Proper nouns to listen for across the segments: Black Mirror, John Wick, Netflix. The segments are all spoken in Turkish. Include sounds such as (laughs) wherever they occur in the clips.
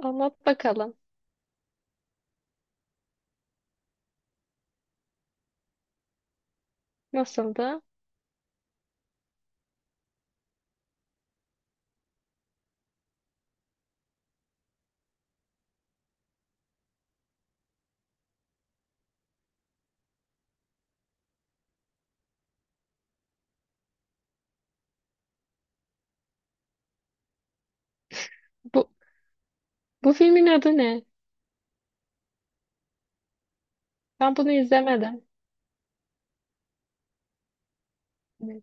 Anlat bakalım. Nasıldı? Bu bu filmin adı ne? Ben bunu izlemedim. Evet.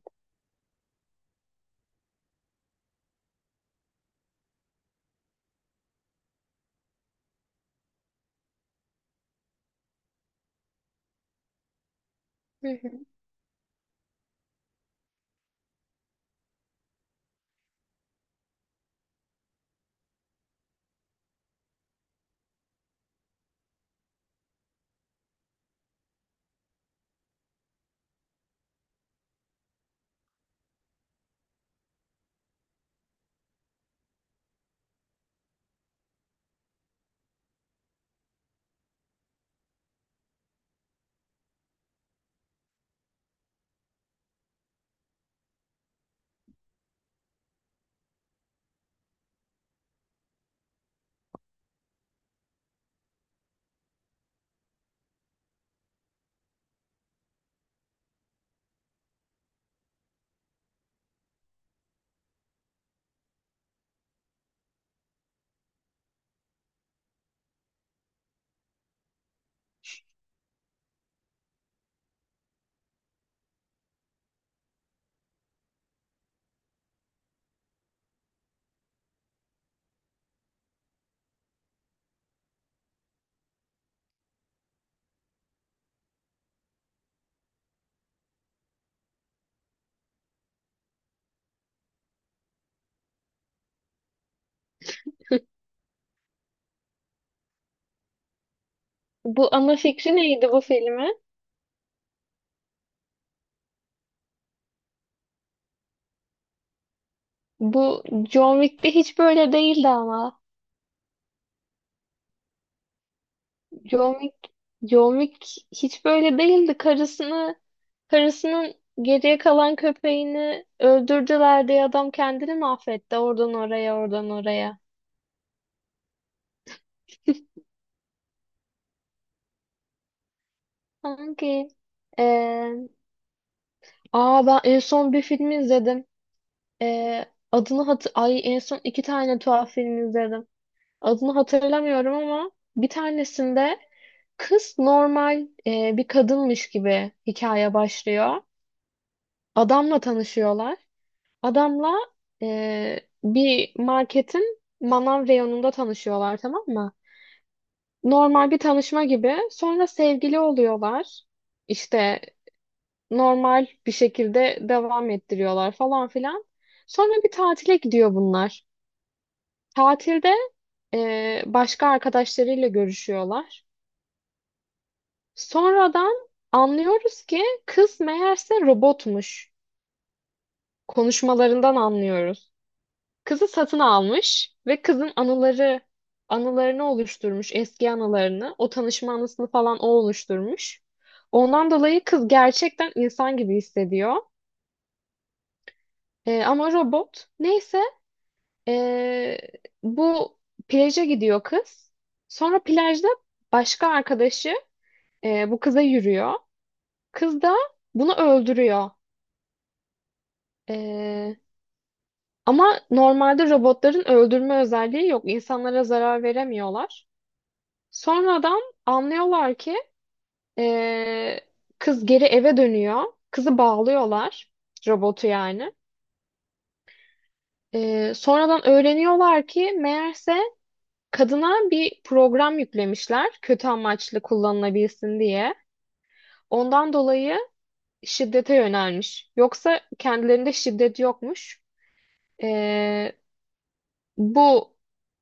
Hı hı. Bu ana fikri neydi bu filmin? Bu John Wick'te hiç böyle değildi ama. John Wick, John Wick hiç böyle değildi. Karısının geriye kalan köpeğini öldürdüler diye adam kendini mahvetti. Oradan oraya, oradan oraya. Hangi? Ee, aa ben en son bir film izledim. Ee, adını hatır Ay en son iki tane tuhaf film izledim. Adını hatırlamıyorum ama bir tanesinde kız normal bir kadınmış gibi hikaye başlıyor. Adamla tanışıyorlar. Adamla bir marketin manav reyonunda tanışıyorlar, tamam mı? Normal bir tanışma gibi. Sonra sevgili oluyorlar. İşte normal bir şekilde devam ettiriyorlar falan filan. Sonra bir tatile gidiyor bunlar. Tatilde başka arkadaşlarıyla görüşüyorlar. Sonradan anlıyoruz ki kız meğerse robotmuş. Konuşmalarından anlıyoruz. Kızı satın almış ve kızın anılarını oluşturmuş, eski anılarını. O tanışma anısını falan o oluşturmuş. Ondan dolayı kız gerçekten insan gibi hissediyor. E, ama robot. Neyse e, bu plaja gidiyor kız. Sonra plajda başka arkadaşı bu kıza yürüyor. Kız da bunu öldürüyor. Ee, ama normalde robotların öldürme özelliği yok. İnsanlara zarar veremiyorlar. Sonradan anlıyorlar ki ee, kız geri eve dönüyor. Kızı bağlıyorlar. Robotu yani. Sonradan öğreniyorlar ki meğerse kadına bir program yüklemişler. Kötü amaçlı kullanılabilsin diye. Ondan dolayı şiddete yönelmiş. Yoksa kendilerinde şiddet yokmuş. Ee, Bu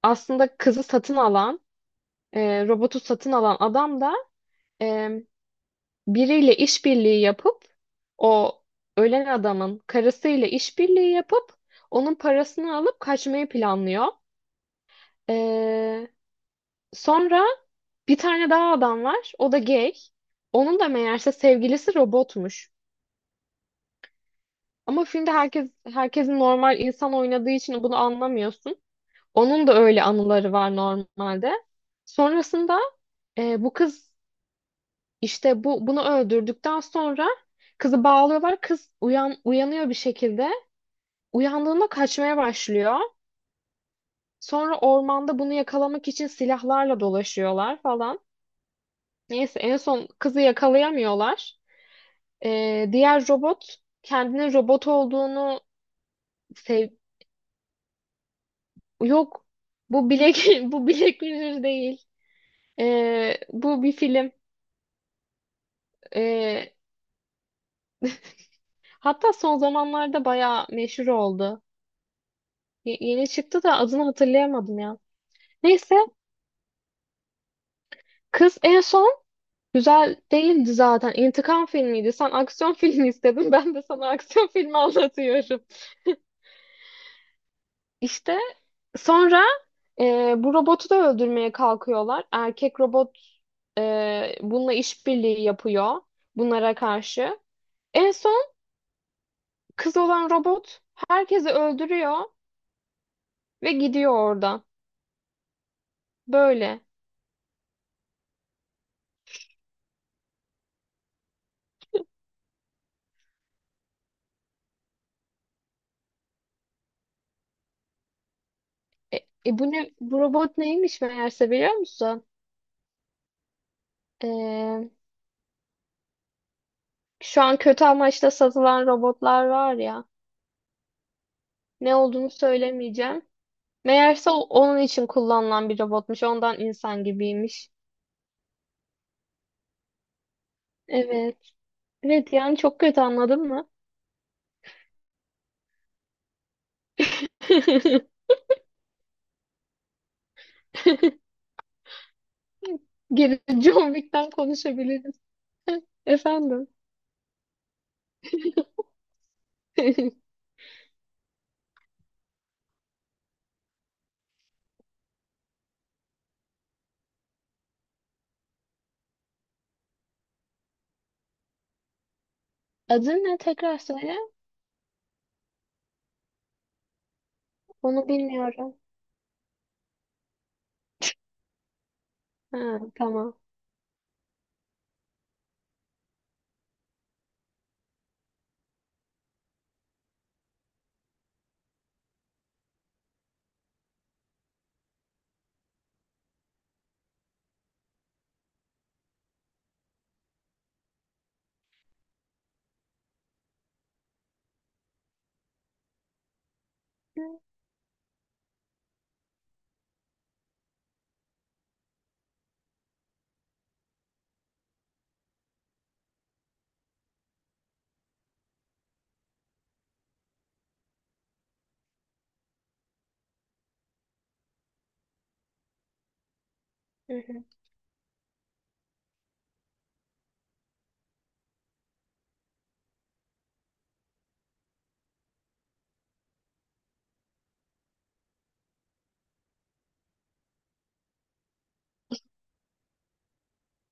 aslında robotu satın alan adam da e, biriyle işbirliği yapıp o ölen adamın karısıyla işbirliği yapıp onun parasını alıp kaçmayı planlıyor. E, sonra bir tane daha adam var. O da gay. Onun da meğerse sevgilisi robotmuş. Ama filmde herkes herkesin normal insan oynadığı için bunu anlamıyorsun. Onun da öyle anıları var normalde. Sonrasında e, bu kız İşte bu bunu öldürdükten sonra kızı bağlıyorlar. Kız uyanıyor bir şekilde. Uyandığında kaçmaya başlıyor. Sonra ormanda bunu yakalamak için silahlarla dolaşıyorlar falan. Neyse en son kızı yakalayamıyorlar. Diğer robot kendinin robot olduğunu sev yok, bu bilek (laughs) bu Black Mirror değil. Bu bir film. Ee, hatta son zamanlarda bayağı meşhur oldu. Yeni çıktı da adını hatırlayamadım ya. Neyse, kız en son güzel değildi zaten. İntikam filmiydi. Sen aksiyon (laughs) filmi istedin. Ben de sana aksiyon filmi anlatıyorum. İşte sonra bu robotu da öldürmeye kalkıyorlar. Erkek robot bununla işbirliği yapıyor bunlara karşı. En son kız olan robot herkesi öldürüyor ve gidiyor oradan. Böyle. E, bu robot neymiş meğerse biliyor musun? E, şu an kötü amaçla satılan robotlar var ya. Ne olduğunu söylemeyeceğim. Meğerse onun için kullanılan bir robotmuş. Ondan insan gibiymiş. Evet. Evet, yani çok kötü, anladın mı? (laughs) Geri John Wick'ten konuşabiliriz. (laughs) Efendim. (laughs) Adı ne, tekrar söyle. Onu bilmiyorum. Ha, tamam. Hı hı.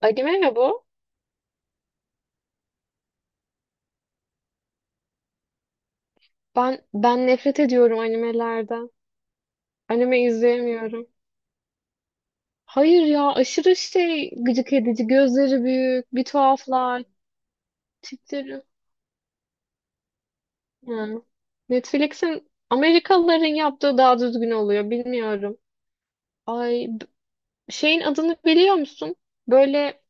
Anime mi bu? Ben nefret ediyorum animelerden. Anime izleyemiyorum. Hayır ya, aşırı şey gıcık edici. Gözleri büyük, bir tuhaflar, tipleri. Yani Netflix'in, Amerikalıların yaptığı daha düzgün oluyor, bilmiyorum. Ay b- şeyin adını biliyor musun? Böyle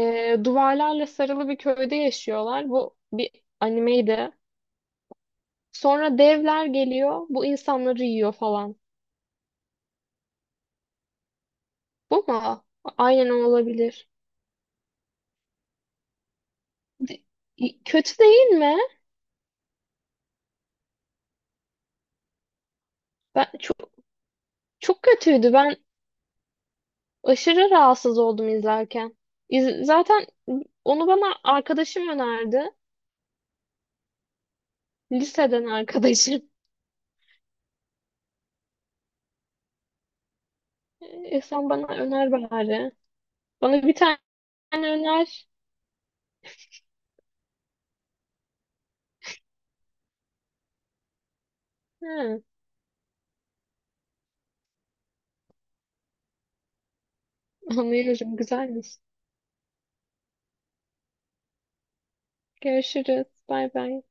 duvarlarla sarılı bir köyde yaşıyorlar. Bu bir animeydi. Sonra devler geliyor, bu insanları yiyor falan. Bu mu? Aynen o olabilir. D- Kötü değil mi? Ben çok çok kötüydü. Ben aşırı rahatsız oldum izlerken. Zaten onu bana arkadaşım önerdi. Liseden arkadaşım. E, sen bana öner bari. Bana bir tane öner. Ha, anlıyorum. Güzelmiş. Görüşürüz. Bay bay.